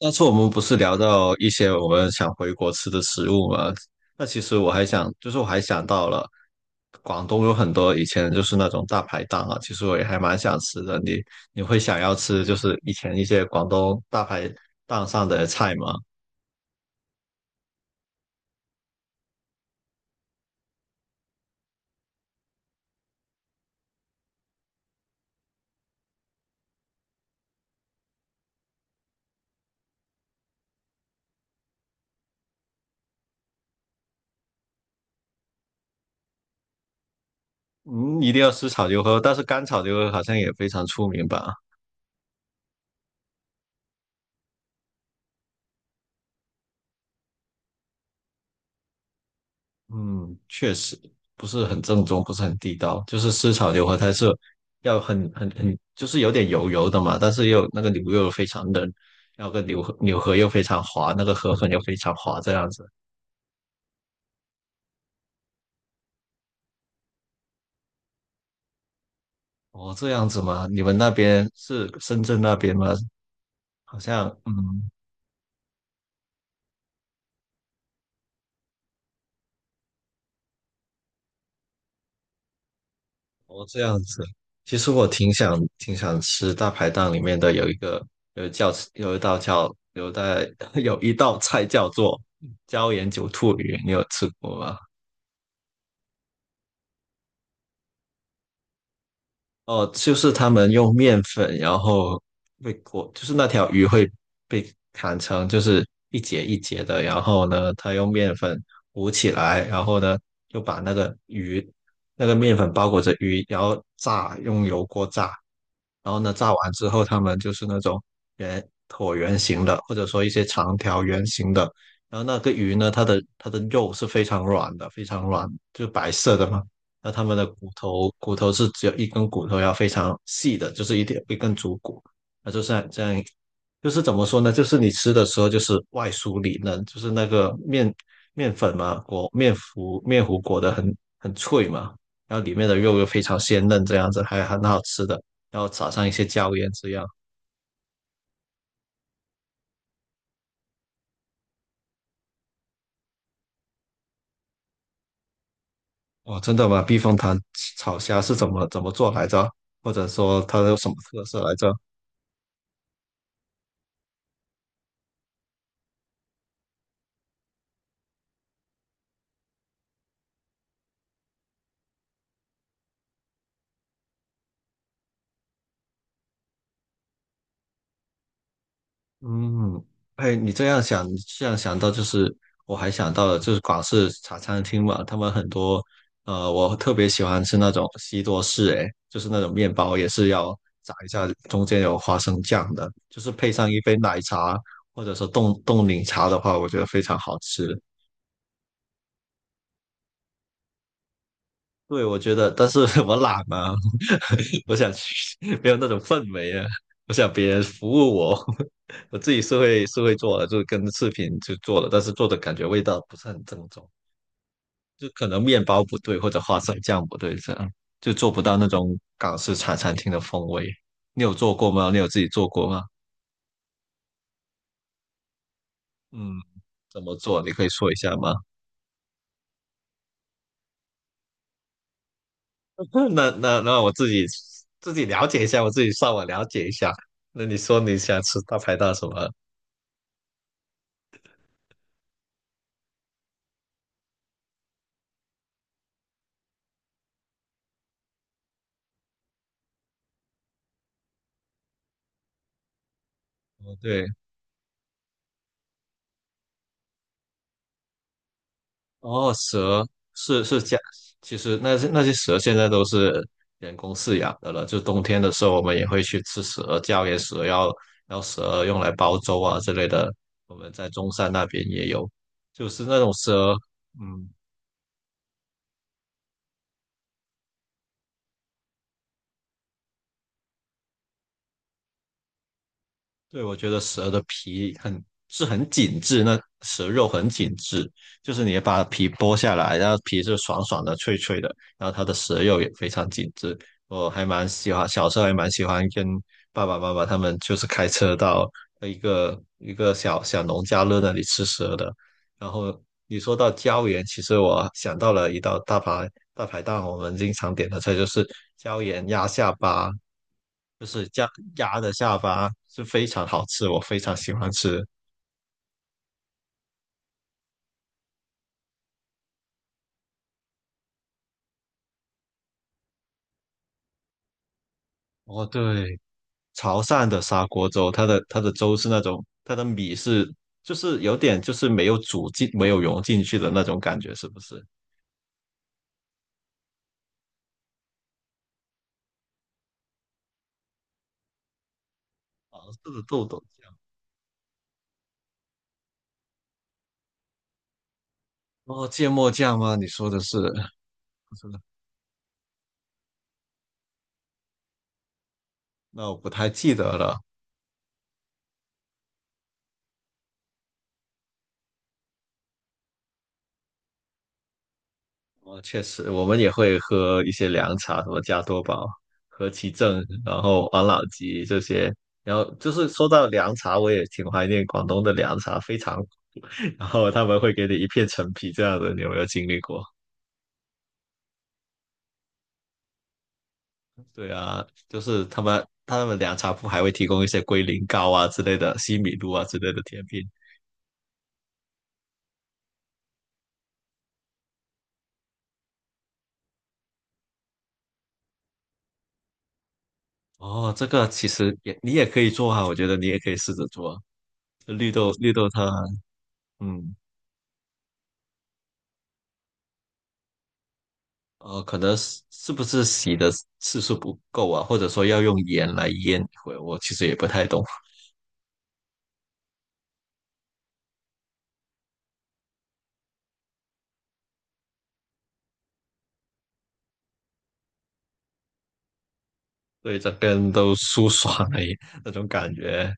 上次我们不是聊到一些我们想回国吃的食物吗？那其实我还想，就是我还想到了，广东有很多以前就是那种大排档啊，其实我也还蛮想吃的。你会想要吃就是以前一些广东大排档上的菜吗？嗯，一定要吃炒牛河，但是干炒牛河好像也非常出名吧？嗯，确实不是很正宗，不是很地道。就是湿炒牛河，它是要很，就是有点油油的嘛，但是又那个牛肉非常嫩，然后个牛河又非常滑，那个河粉又非常滑，这样子。哦，这样子吗？你们那边是深圳那边吗？好像，嗯，哦，这样子。其实我挺想吃大排档里面的有一个有一叫有一道叫有一道 有一道菜叫做椒盐九兔鱼，你有吃过吗？哦，就是他们用面粉，然后被裹，就是那条鱼会被砍成就是一节一节的，然后呢，他用面粉糊起来，然后呢，就把那个鱼，那个面粉包裹着鱼，然后炸，用油锅炸，然后呢，炸完之后，他们就是那种圆椭圆形的，或者说一些长条圆形的，然后那个鱼呢，它的肉是非常软的，非常软，就是白色的嘛。那它们的骨头是只有一根骨头，要非常细的，就是一点一根足骨，那就是这样，就是怎么说呢？就是你吃的时候就是外酥里嫩，就是那个面粉嘛，裹面糊裹得很脆嘛，然后里面的肉又非常鲜嫩，这样子还很好吃的，然后撒上一些椒盐这样。哇，真的吗？避风塘炒虾是怎么做来着？或者说它有什么特色来着？嗯，哎，你这样想，这样想到就是，我还想到了，就是广式茶餐厅嘛，他们很多，我特别喜欢吃那种西多士，哎，就是那种面包也是要炸一下，中间有花生酱的，就是配上一杯奶茶或者说冻柠茶的话，我觉得非常好吃。对，我觉得，但是 我懒嘛，我想去，没有那种氛围啊，我想别人服务我，我自己是会做的，就跟视频就做了，但是做的感觉味道不是很正宗，就可能面包不对或者花生酱不对，这样就做不到那种港式茶餐厅的风味。你有做过吗？你有自己做过吗？嗯，怎么做？你可以说一下吗？那我自己了解一下，我自己上网了解一下。那你说你想吃大排档什么？哦，对，哦，蛇是家，其实那些蛇现在都是人工饲养的了。就冬天的时候，我们也会去吃蛇，叫给蛇要蛇用来煲粥啊之类的。我们在中山那边也有，就是那种蛇，嗯，对，我觉得蛇的皮很是很紧致，那蛇肉很紧致，就是你把皮剥下来，然后皮是爽爽的、脆脆的，然后它的蛇肉也非常紧致。我还蛮喜欢，小时候还蛮喜欢跟爸爸妈妈他们就是开车到一个一个小小农家乐那里吃蛇的。然后你说到椒盐，其实我想到了一道大排档，我们经常点的菜就是椒盐鸭下巴，就是鸭的下巴是非常好吃，我非常喜欢吃。哦，对，潮汕的砂锅粥，它的粥是那种，它的米是就是有点就是没有煮进，没有融进去的那种感觉，是不是？黄色的豆豆酱，哦，芥末酱吗？你说的是，不是，那我不太记得了。哦，确实，我们也会喝一些凉茶，什么加多宝、和其正，然后王老吉这些。然后就是说到凉茶，我也挺怀念广东的凉茶，非常。然后他们会给你一片陈皮这样的，你有没有经历过？对啊，就是他们凉茶铺还会提供一些龟苓膏啊之类的、西米露啊之类的甜品。哦，这个其实也你也可以做啊，我觉得你也可以试着做绿豆汤啊嗯。可能是不是洗的次数不够啊，或者说要用盐来腌一会儿我其实也不太懂，对，整个人都舒爽了耶那种感觉。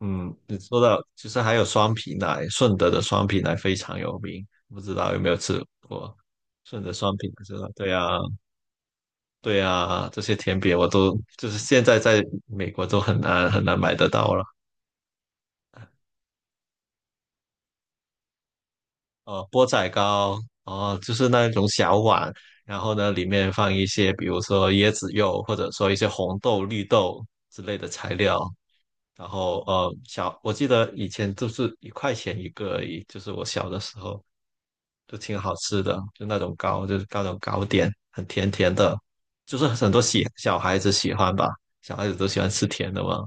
嗯，你说到，其实还有双皮奶，顺德的双皮奶非常有名，不知道有没有吃过？顺德双皮奶知道？对啊，对啊，这些甜品我都就是现在在美国都很难很难买得到了。钵仔糕，哦，就是那种小碗，然后呢，里面放一些，比如说椰子肉，或者说一些红豆、绿豆之类的材料。然后，小，我记得以前就是1块钱一个而已，就是我小的时候就挺好吃的，就那种糕，就是那种糕点，很甜甜的，就是很多小孩子喜欢吧，小孩子都喜欢吃甜的嘛。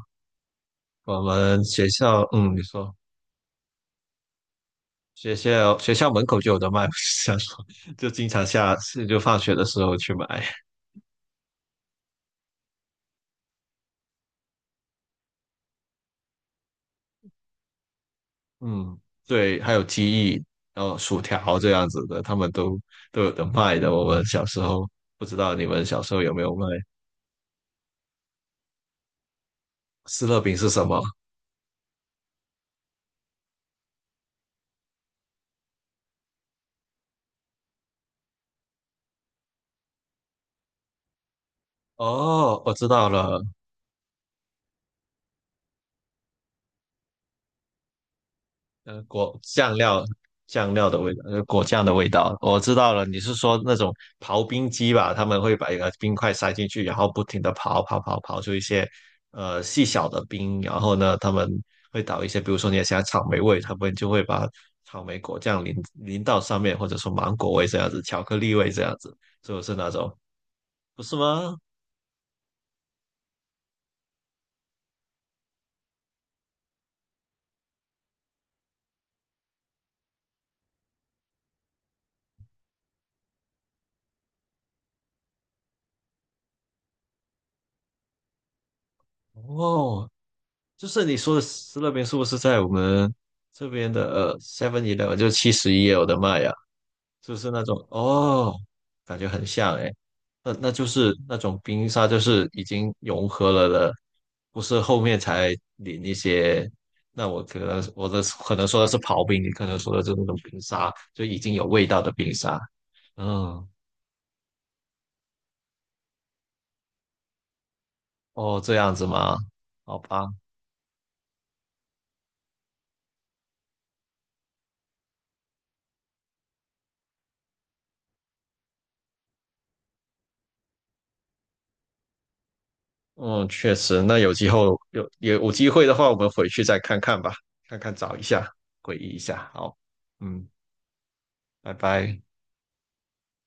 我们学校，嗯，你说。学校门口就有的卖，我想说就经常下次就放学的时候去买。嗯，对，还有鸡翼，然后薯条这样子的，他们都有的卖的。我们小时候不知道你们小时候有没有卖？斯乐饼是什么？哦，我知道了，果酱料酱料的味道，果酱的味道，我知道了。你是说那种刨冰机吧？他们会把一个冰块塞进去，然后不停的刨出一些细小的冰，然后呢，他们会倒一些，比如说你想要草莓味，他们就会把草莓果酱淋到上面，或者说芒果味这样子，巧克力味这样子，是不是那种？不是吗？哦，就是你说的斯乐冰是不是在我们这边的Seven Eleven 就71也有的妈呀？就是那种哦，感觉很像哎，那就是那种冰沙，就是已经融合了的，不是后面才淋一些。那我可能我的可能说的是刨冰，你可能说的是那种冰沙，就已经有味道的冰沙。嗯，哦，这样子吗？好吧，嗯，确实，那有机会有机会的话，我们回去再看看吧，看看找一下，回忆一下。好，嗯，拜拜。